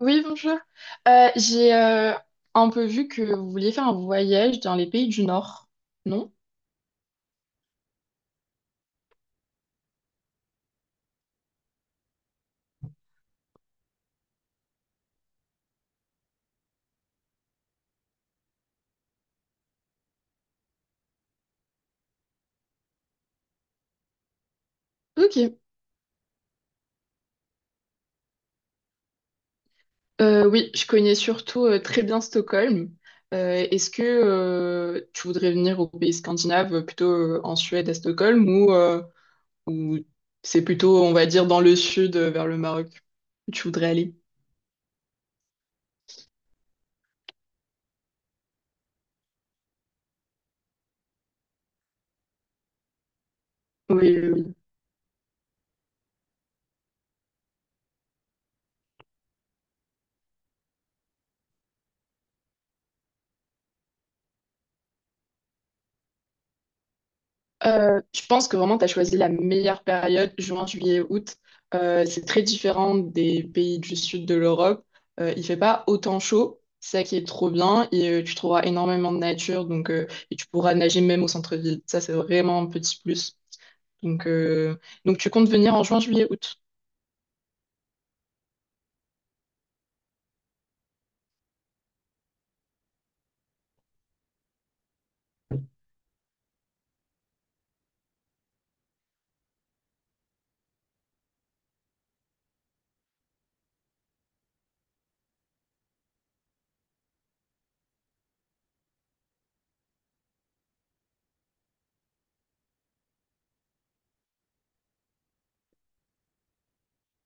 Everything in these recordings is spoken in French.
Oui, bonjour. J'ai un peu vu que vous vouliez faire un voyage dans les pays du Nord, non? Ok. Oui, je connais surtout très bien Stockholm. Est-ce que tu voudrais venir aux pays scandinaves, plutôt en Suède, à Stockholm, ou, ou c'est plutôt, on va dire, dans le sud, vers le Maroc, où tu voudrais aller? Oui, oui, je pense que vraiment, tu as choisi la meilleure période, juin, juillet, août. C'est très différent des pays du sud de l'Europe. Il fait pas autant chaud, c'est ça qui est trop bien. Et tu trouveras énormément de nature, donc, et tu pourras nager même au centre-ville. Ça, c'est vraiment un petit plus. Donc, euh, donc tu comptes venir en juin, juillet, août.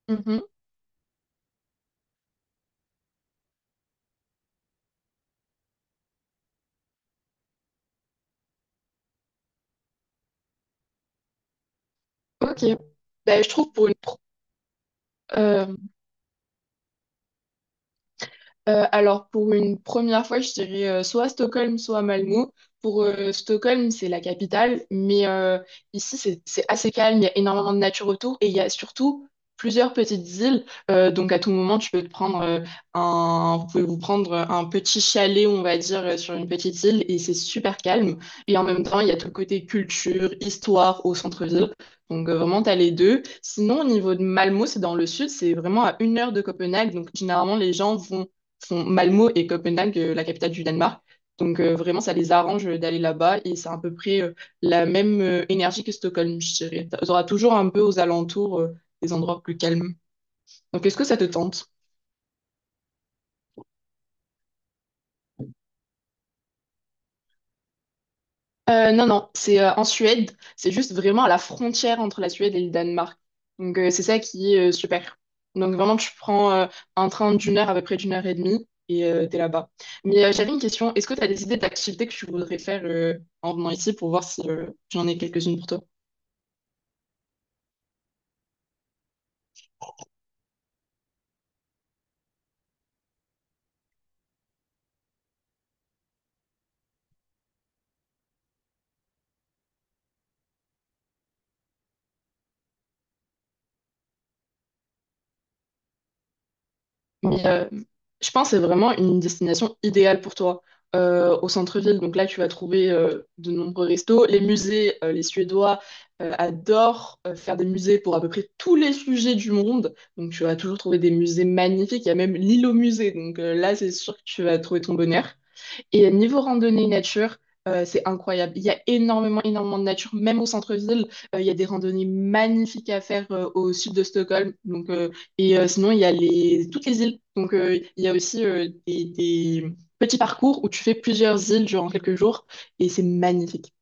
Mhm. Ok. Bah, je trouve pour une... euh, alors, pour une première fois, je dirais soit à Stockholm, soit à Malmö. Pour Stockholm, c'est la capitale, mais ici, c'est assez calme, il y a énormément de nature autour et il y a surtout plusieurs petites îles. Donc, à tout moment, tu peux te prendre un, vous pouvez vous prendre un petit chalet, on va dire, sur une petite île et c'est super calme. Et en même temps, il y a tout le côté culture, histoire au centre-ville. Donc vraiment, t'as les deux. Sinon, au niveau de Malmö, c'est dans le sud, c'est vraiment à une heure de Copenhague. Donc généralement, les gens vont Font Malmo et Copenhague, la capitale du Danemark. Donc vraiment, ça les arrange d'aller là-bas et c'est à peu près la même énergie que Stockholm, je dirais. Tu auras toujours un peu aux alentours des endroits plus calmes. Donc est-ce que ça te tente? Non, non, c'est en Suède, c'est juste vraiment à la frontière entre la Suède et le Danemark. Donc c'est ça qui est super. Donc vraiment, tu prends un train d'une heure à peu près d'une heure et demie et t'es là-bas. Mais j'avais une question, est-ce que tu as des idées d'activités que tu voudrais faire en venant ici pour voir si j'en ai quelques-unes pour toi? Mais je pense que c'est vraiment une destination idéale pour toi. Au centre-ville, donc là, tu vas trouver de nombreux restos. Les musées, les Suédois adorent faire des musées pour à peu près tous les sujets du monde. Donc tu vas toujours trouver des musées magnifiques. Il y a même l'île au musée. Donc là, c'est sûr que tu vas trouver ton bonheur. Et niveau randonnée nature, c'est incroyable. Il y a énormément, énormément de nature, même au centre-ville. Il y a des randonnées magnifiques à faire au sud de Stockholm. Sinon, il y a toutes les îles. Donc, il y a aussi des petits parcours où tu fais plusieurs îles durant quelques jours et c'est magnifique.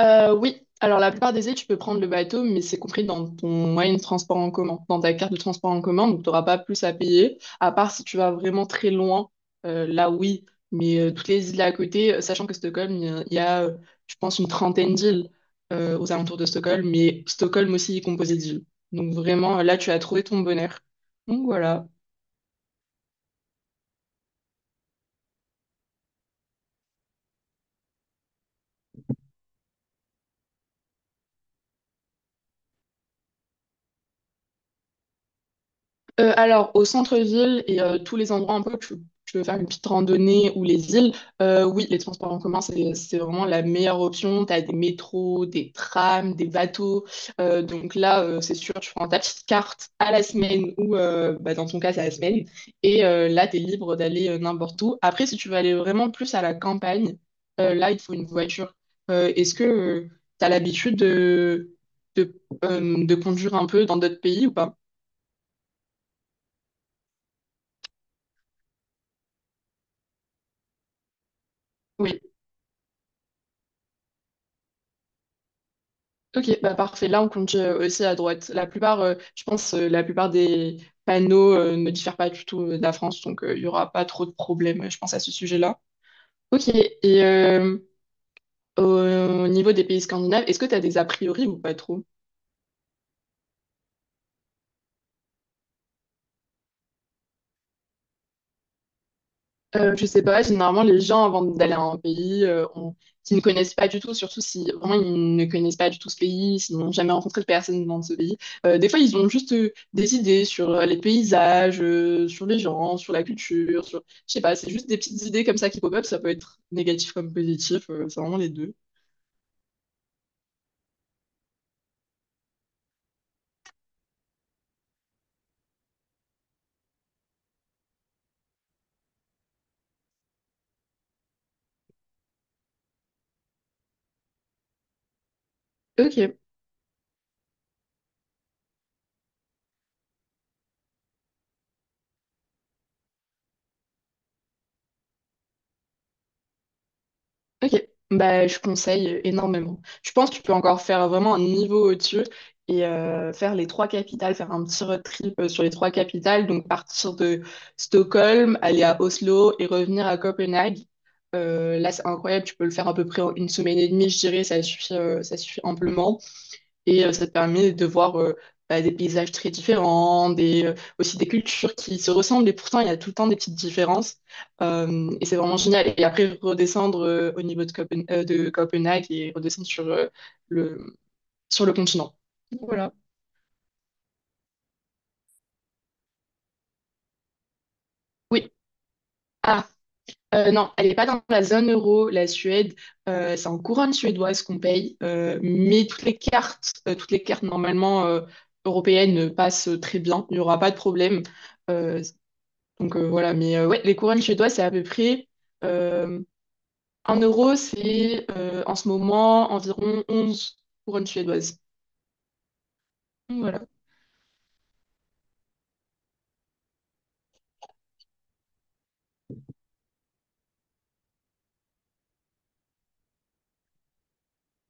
Oui, alors la plupart des îles, tu peux prendre le bateau, mais c'est compris dans ton moyen de transport en commun, dans ta carte de transport en commun, donc tu n'auras pas plus à payer, à part si tu vas vraiment très loin, là oui, mais toutes les îles à côté, sachant que Stockholm, je pense, une trentaine d'îles aux alentours de Stockholm, mais Stockholm aussi est composé d'îles. Donc vraiment, là, tu as trouvé ton bonheur. Donc voilà. Alors, au centre-ville et tous les endroits un peu tu veux faire une petite randonnée ou les îles, oui, les transports en commun, c'est vraiment la meilleure option. Tu as des métros, des trams, des bateaux. Donc là, c'est sûr, tu prends ta petite carte à la semaine ou bah, dans ton cas, c'est à la semaine. Et là, tu es libre d'aller n'importe où. Après, si tu veux aller vraiment plus à la campagne, là, il te faut une voiture. Est-ce que tu as l'habitude de conduire un peu dans d'autres pays ou pas? Ok, bah parfait. Là, on compte aussi à droite. La plupart des panneaux ne diffèrent pas du tout de la France, donc il y n'y aura pas trop de problèmes, je pense, à ce sujet-là. Ok, et au niveau des pays scandinaves, est-ce que tu as des a priori ou pas trop? Je sais pas, généralement les gens avant d'aller à un pays, s'ils ne connaissent pas du tout, surtout si vraiment ils ne connaissent pas du tout ce pays, s'ils n'ont jamais rencontré de personne dans ce pays, des fois ils ont juste des idées sur les paysages, sur les gens, sur la culture, sur... Je sais pas, c'est juste des petites idées comme ça qui pop-up, ça peut être négatif comme positif, c'est vraiment les deux. Ok. Ok, bah, je conseille énormément. Je pense que tu peux encore faire vraiment un niveau au-dessus et faire les trois capitales, faire un petit road trip sur les trois capitales, donc partir de Stockholm, aller à Oslo et revenir à Copenhague. Là, c'est incroyable, tu peux le faire à peu près en une semaine et demie, je dirais, ça suffit amplement. Et ça te permet de voir bah, des paysages très différents, aussi des cultures qui se ressemblent, et pourtant il y a tout le temps des petites différences. Et c'est vraiment génial. Et après, redescendre au niveau de, Copen- de Copenhague et redescendre le, sur le continent. Voilà. Oui. Ah, non, elle n'est pas dans la zone euro, la Suède. C'est en couronne suédoise qu'on paye. Mais toutes les cartes normalement européennes passent très bien. Il n'y aura pas de problème. Euh, Donc voilà, mais ouais, les couronnes chez toi, c'est à peu près euh, 1 euro, c'est en ce moment environ 11 couronnes suédoises. Donc, voilà.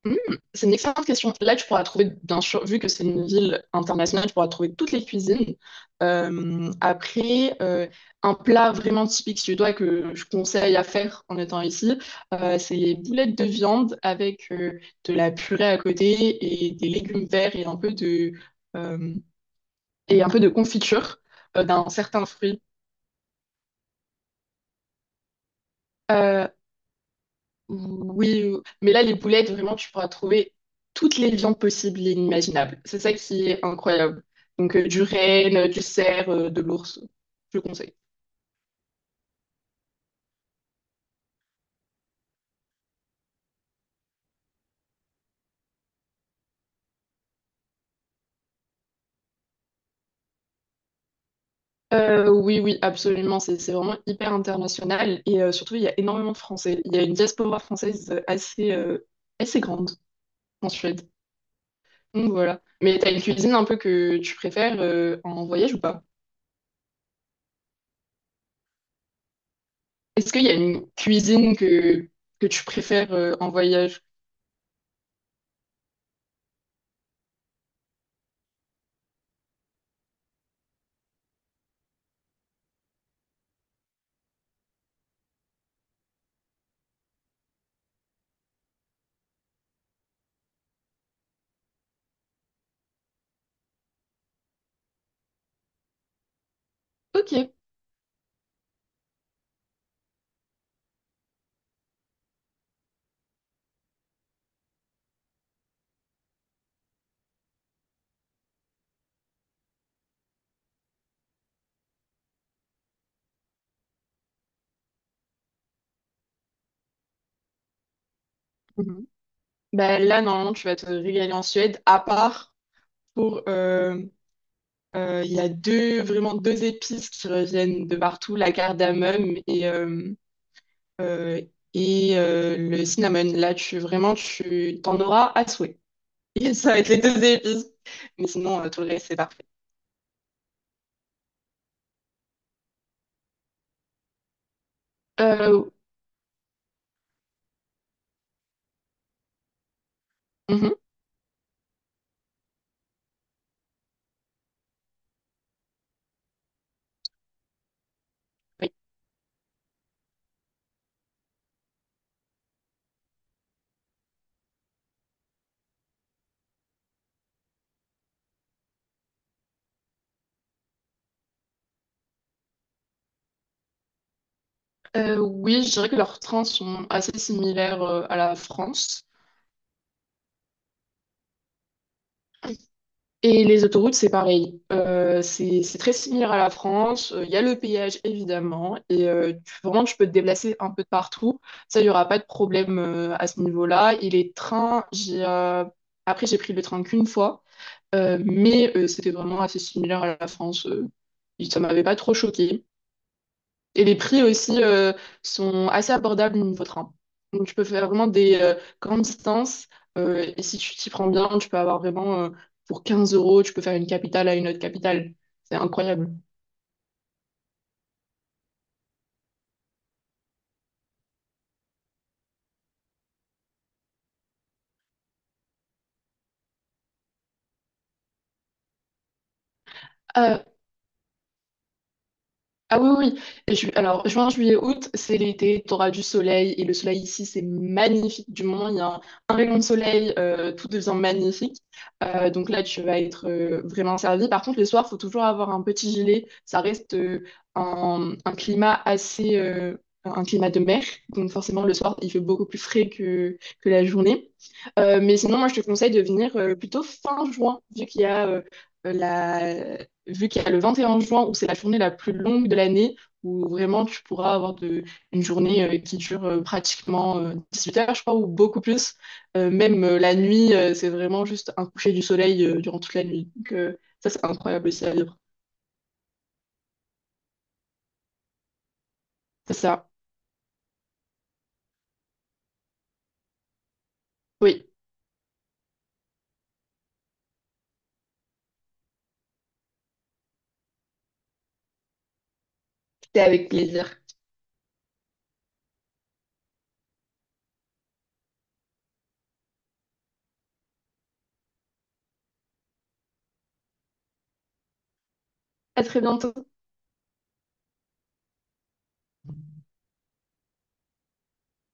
Hmm, c'est une excellente question. Là, tu pourras trouver, bien sûr, vu que c'est une ville internationale, tu pourras trouver toutes les cuisines. Euh, après, euh, un plat vraiment typique suédois que je conseille à faire en étant ici, c'est les boulettes de viande avec de la purée à côté et des légumes verts et un peu euh, et un peu de confiture d'un certain fruit. Euh, oui, mais là, les boulettes, vraiment, tu pourras trouver toutes les viandes possibles et inimaginables. C'est ça qui est incroyable. Donc, du renne, du cerf, de l'ours, je conseille. Oui, oui, absolument. C'est vraiment hyper international. Et surtout, il y a énormément de Français. Il y a une diaspora française assez grande en Suède. Donc, voilà. Mais t'as une cuisine un peu que tu préfères en voyage ou pas? Est-ce qu'il y a une cuisine que tu préfères en voyage? Ok. Mhm. Bah, là, normalement, tu vas te régaler en Suède, à part pour... Il y a deux, vraiment deux épices qui reviennent de partout, la cardamome euh, et le cinnamon. Là, tu vraiment, tu t'en auras à souhait. Et ça va être les deux épices. Mais sinon, tout le reste, c'est parfait. Euh, mhm, oui. Oui, je dirais que leurs trains sont assez similaires à la France. Et les autoroutes, c'est pareil. C'est très similaire à la France. Il y a le péage, évidemment. Et tu- vraiment, tu peux te déplacer un peu de partout. Ça, il n'y aura pas de problème à ce niveau-là. Et les trains, après, j'ai pris le train qu'une fois. C'était vraiment assez similaire à la France. Ça m'avait pas trop choqué. Et les prix aussi sont assez abordables niveau train. Donc tu peux faire vraiment des grandes distances. Et si tu t'y prends bien, tu peux avoir vraiment pour 15 euros, tu peux faire une capitale à une autre capitale. C'est incroyable. Euh, Ah oui, oui. Oui. Alors, juin, juillet, août, c'est l'été, tu auras du soleil. Et le soleil ici, c'est magnifique. Du moment où il y a un rayon de soleil, tout devient magnifique. Donc là, tu vas être vraiment servi. Par contre, les soirs, faut toujours avoir un petit gilet. Ça reste un climat assez... un climat de mer. Donc forcément, le soir, il fait beaucoup plus frais que la journée. Mais sinon, moi, je te conseille de venir plutôt fin juin, la, vu qu'il y a le 21 juin où c'est la journée la plus longue de l'année, où vraiment tu pourras avoir de, une journée qui dure pratiquement 18 heures, je crois, ou beaucoup plus. Même La nuit, c'est vraiment juste un coucher du soleil durant toute la nuit. Donc, ça, c'est incroyable aussi à vivre. C'est ça. Oui, c'était avec plaisir. À très bientôt.